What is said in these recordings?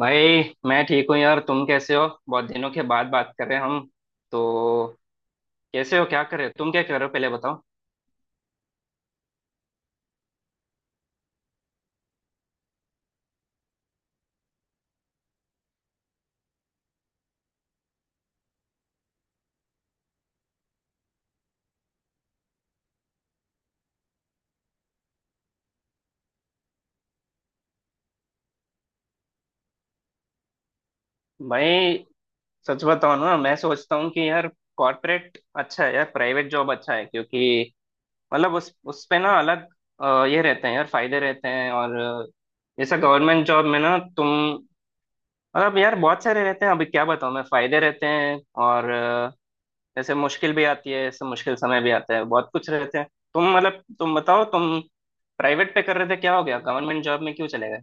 भाई मैं ठीक हूँ यार। तुम कैसे हो? बहुत दिनों के बाद बात कर रहे हैं हम। तो कैसे हो, क्या कर रहे हो? तुम क्या कर रहे हो पहले बताओ। भाई सच बताओ ना, मैं सोचता हूँ कि यार कॉर्पोरेट अच्छा है यार, प्राइवेट जॉब अच्छा है, क्योंकि मतलब उस पे ना अलग ये रहते हैं यार, फायदे रहते हैं, और जैसा गवर्नमेंट जॉब में ना तुम, मतलब यार बहुत सारे रहते हैं, अभी क्या बताऊँ मैं, फायदे रहते हैं। और जैसे मुश्किल भी आती है, ऐसे मुश्किल समय भी आता है, बहुत कुछ रहते हैं। तुम मतलब तुम बताओ, तुम प्राइवेट पे कर रहे थे, क्या हो गया गवर्नमेंट जॉब में क्यों चले गए?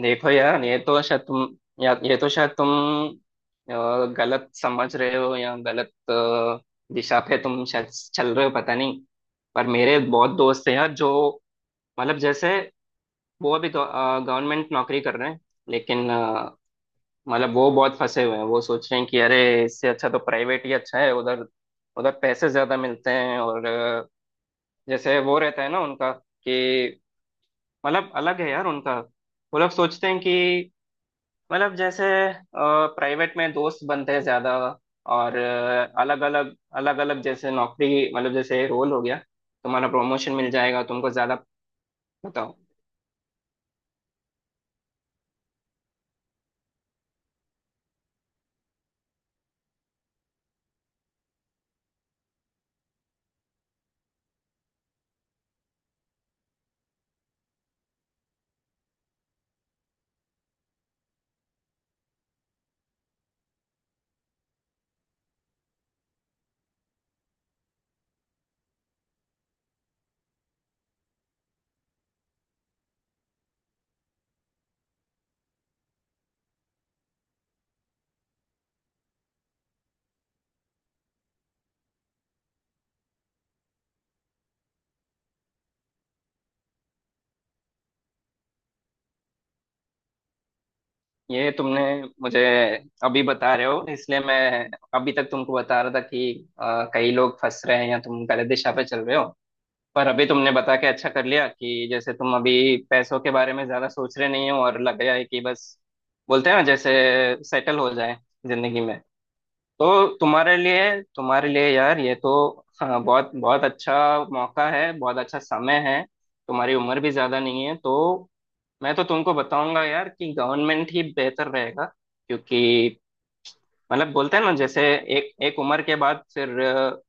देखो यार ये तो शायद तुम, या ये तो शायद तुम गलत समझ रहे हो, या गलत दिशा पे तुम शायद चल रहे हो, पता नहीं। पर मेरे बहुत दोस्त हैं यार जो, मतलब जैसे वो अभी गवर्नमेंट नौकरी कर रहे हैं, लेकिन मतलब वो बहुत फंसे हुए हैं। वो सोच रहे हैं कि अरे, इससे अच्छा तो प्राइवेट ही अच्छा है, उधर उधर पैसे ज्यादा मिलते हैं, और जैसे वो रहता है ना उनका, कि मतलब अलग है यार उनका। वो लोग सोचते हैं कि मतलब जैसे प्राइवेट में दोस्त बनते हैं ज्यादा, और अलग अलग अलग अलग जैसे नौकरी, मतलब जैसे रोल हो गया, तुम्हारा प्रमोशन मिल जाएगा तुमको ज्यादा। बताओ। ये तुमने मुझे अभी बता रहे हो, इसलिए मैं अभी तक तुमको बता रहा था कि कई लोग फंस रहे हैं या तुम गलत दिशा पे चल रहे हो। पर अभी तुमने बता के अच्छा कर लिया कि जैसे तुम अभी पैसों के बारे में ज्यादा सोच रहे नहीं हो, और लग रहा है कि बस बोलते हैं ना जैसे सेटल हो जाए जिंदगी में। तो तुम्हारे लिए, तुम्हारे लिए यार ये तो, हाँ, बहुत बहुत अच्छा मौका है, बहुत अच्छा समय है। तुम्हारी उम्र भी ज्यादा नहीं है, तो मैं तो तुमको बताऊंगा यार कि गवर्नमेंट ही बेहतर रहेगा, क्योंकि मतलब बोलते हैं ना, जैसे एक एक उम्र के बाद फिर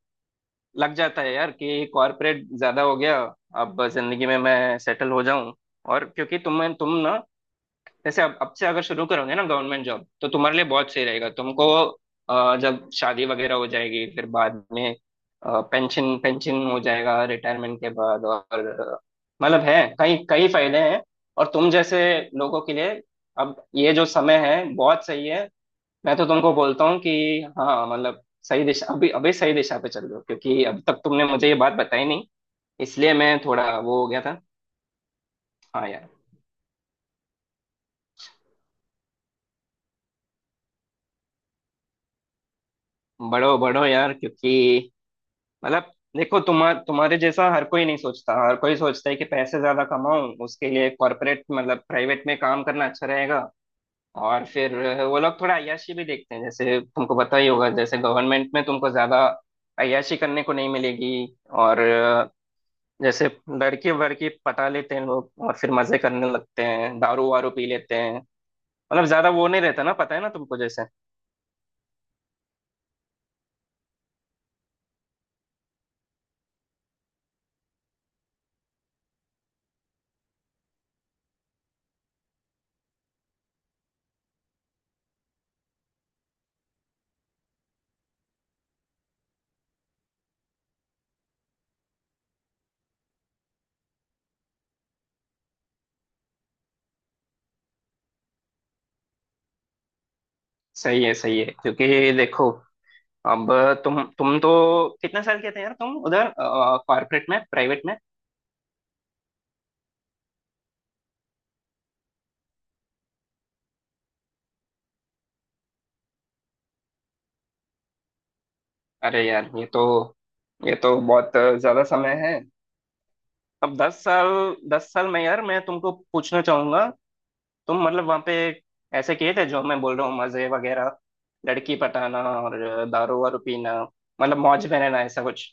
लग जाता है यार कि कॉर्पोरेट ज्यादा हो गया, अब जिंदगी में मैं सेटल हो जाऊं। और क्योंकि तुम ना, जैसे अब से अगर शुरू करोगे ना गवर्नमेंट जॉब, तो तुम्हारे लिए बहुत सही रहेगा तुमको। जब शादी वगैरह हो जाएगी फिर बाद में पेंशन पेंशन हो जाएगा रिटायरमेंट के बाद, और मतलब है कई कई फायदे हैं। और तुम जैसे लोगों के लिए अब ये जो समय है बहुत सही है। मैं तो तुमको बोलता हूँ कि हाँ मतलब सही दिशा, अभी अभी सही दिशा पे चल रहे हो, क्योंकि अभी तक तुमने मुझे ये बात बताई नहीं, इसलिए मैं थोड़ा वो हो गया था। हाँ यार। बढ़ो बढ़ो यार, क्योंकि मतलब देखो तुम्हारे जैसा हर कोई नहीं सोचता, हर कोई सोचता है कि पैसे ज्यादा कमाऊं, उसके लिए कॉर्पोरेट मतलब प्राइवेट में काम करना अच्छा रहेगा, और फिर वो लोग थोड़ा अय्याशी भी देखते हैं, जैसे तुमको पता ही होगा, जैसे गवर्नमेंट में तुमको ज्यादा अय्याशी करने को नहीं मिलेगी। और जैसे लड़की वड़की पटा लेते हैं लोग, और फिर मजे करने लगते हैं, दारू वारू पी लेते हैं, मतलब ज्यादा वो नहीं रहता ना, पता है ना तुमको, जैसे सही है सही है, क्योंकि देखो अब तुम तो, कितने साल के थे यार तुम उधर कॉर्पोरेट में, प्राइवेट में? अरे यार ये तो, ये तो बहुत ज्यादा समय है। अब दस साल, दस साल में यार मैं तुमको पूछना चाहूंगा, तुम मतलब वहां पे ऐसे किए थे जो मैं बोल रहा हूँ, मजे वगैरह, लड़की पटाना और दारू वारू पीना, मतलब मौज में रहना, ऐसा कुछ?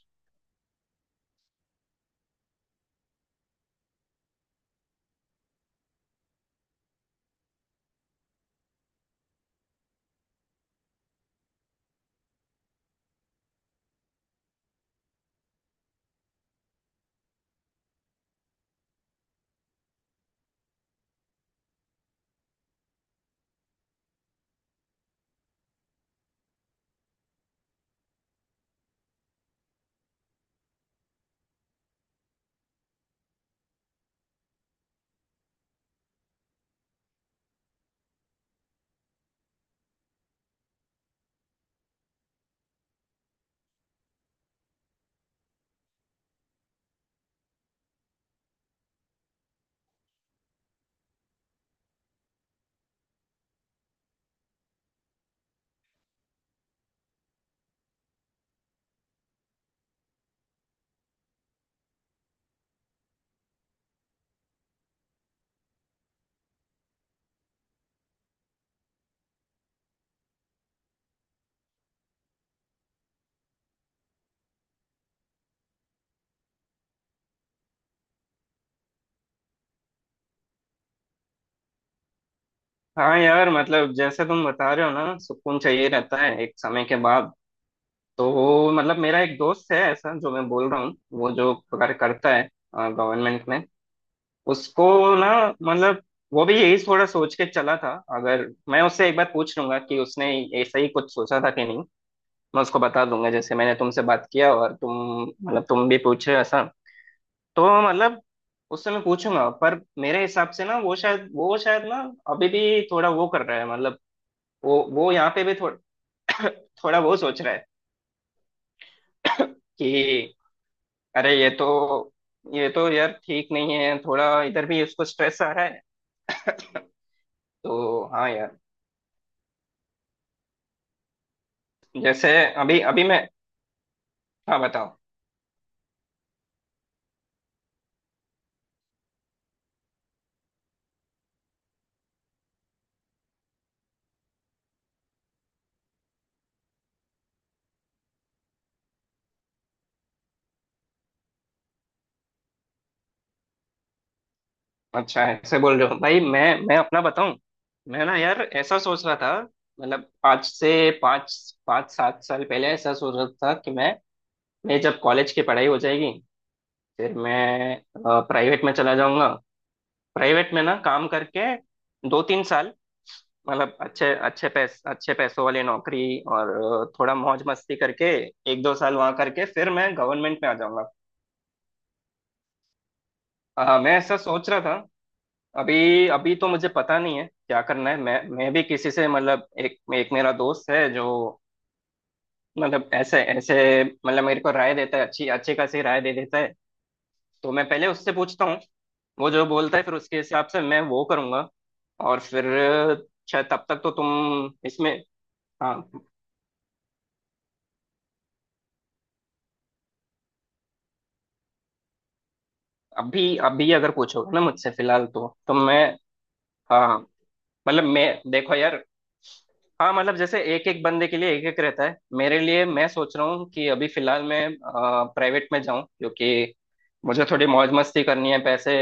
हाँ यार, मतलब जैसे तुम बता रहे हो ना, सुकून चाहिए रहता है एक समय के बाद, तो मतलब मेरा एक दोस्त है ऐसा जो मैं बोल रहा हूँ, वो जो कार्य करता है गवर्नमेंट में, उसको ना, मतलब वो भी यही थोड़ा सोच के चला था। अगर मैं उससे एक बार पूछ लूंगा कि उसने ऐसा ही कुछ सोचा था कि नहीं, मैं उसको बता दूंगा जैसे मैंने तुमसे बात किया, और तुम मतलब तुम भी पूछ रहे हो ऐसा। तो मतलब उससे मैं पूछूंगा, पर मेरे हिसाब से ना वो शायद, ना अभी भी थोड़ा वो कर रहा है, मतलब वो यहाँ पे भी थोड़ा थोड़ा वो सोच रहा है। अरे ये तो, ये तो यार ठीक नहीं है, थोड़ा इधर भी उसको स्ट्रेस आ रहा है। तो हाँ यार, जैसे अभी अभी मैं, हाँ बताओ। अच्छा ऐसे बोल रहे हो भाई? मैं अपना बताऊं, मैं ना यार ऐसा सोच रहा था, मतलब आज से पाँच, पाँच सात साल पहले ऐसा सोच रहा था कि मैं जब कॉलेज की पढ़ाई हो जाएगी फिर मैं प्राइवेट में चला जाऊंगा। प्राइवेट में ना काम करके दो तीन साल, मतलब अच्छे अच्छे पैस अच्छे पैसों वाली नौकरी, और थोड़ा मौज मस्ती करके एक दो साल वहां करके फिर मैं गवर्नमेंट में आ जाऊंगा। मैं ऐसा सोच रहा था। अभी अभी तो मुझे पता नहीं है क्या करना है। मैं भी किसी से मतलब एक एक मेरा दोस्त है जो मतलब ऐसे ऐसे मतलब मेरे को राय देता है, अच्छी अच्छी खासी राय दे देता है, तो मैं पहले उससे पूछता हूँ, वो जो बोलता है फिर उसके हिसाब से मैं वो करूंगा। और फिर शायद तब तक तो तुम इसमें, हाँ। अभी अभी अगर पूछोगे ना मुझसे फिलहाल, तो मैं, हाँ मतलब मैं, देखो यार, हाँ मतलब जैसे एक एक बंदे के लिए एक एक रहता है, मेरे लिए मैं सोच रहा हूँ कि अभी फिलहाल मैं प्राइवेट में जाऊँ, क्योंकि मुझे थोड़ी मौज मस्ती करनी है, पैसे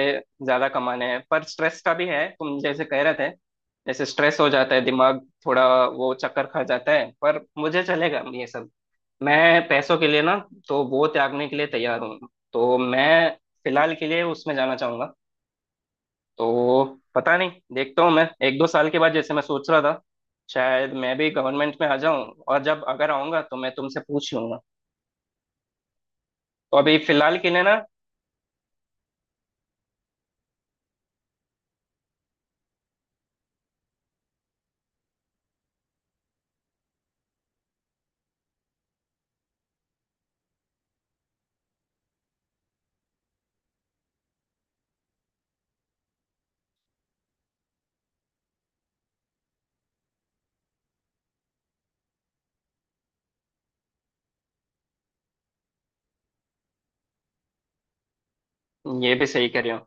ज्यादा कमाने हैं। पर स्ट्रेस का भी है, तुम जैसे कह रहे थे, जैसे स्ट्रेस हो जाता है, दिमाग थोड़ा वो चक्कर खा जाता है, पर मुझे चलेगा ये सब। मैं पैसों के लिए ना तो वो त्यागने के लिए तैयार हूँ, तो मैं फिलहाल के लिए उसमें जाना चाहूंगा। तो पता नहीं, देखता हूँ मैं एक दो साल के बाद, जैसे मैं सोच रहा था, शायद मैं भी गवर्नमेंट में आ जाऊं, और जब अगर आऊंगा तो मैं तुमसे पूछ लूंगा। तो अभी फिलहाल के लिए ना, ये भी सही कह रहे हो।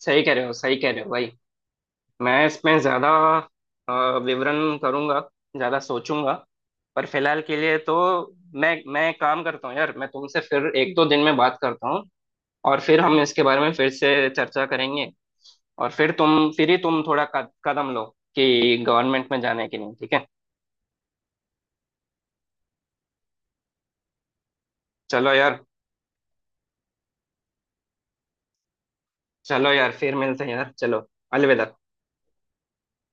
सही कह रहे हो, सही कह रहे हो भाई। मैं इसमें ज्यादा विवरण करूंगा, ज्यादा सोचूंगा। पर फिलहाल के लिए तो मैं काम करता हूँ यार, मैं तुमसे फिर एक दो दिन में बात करता हूँ, और फिर हम इसके बारे में फिर से चर्चा करेंगे, और फिर तुम फिर ही तुम थोड़ा कदम लो कि गवर्नमेंट में जाने के लिए ठीक है। चलो यार। चलो यार, फिर मिलते हैं यार। चलो। अलविदा।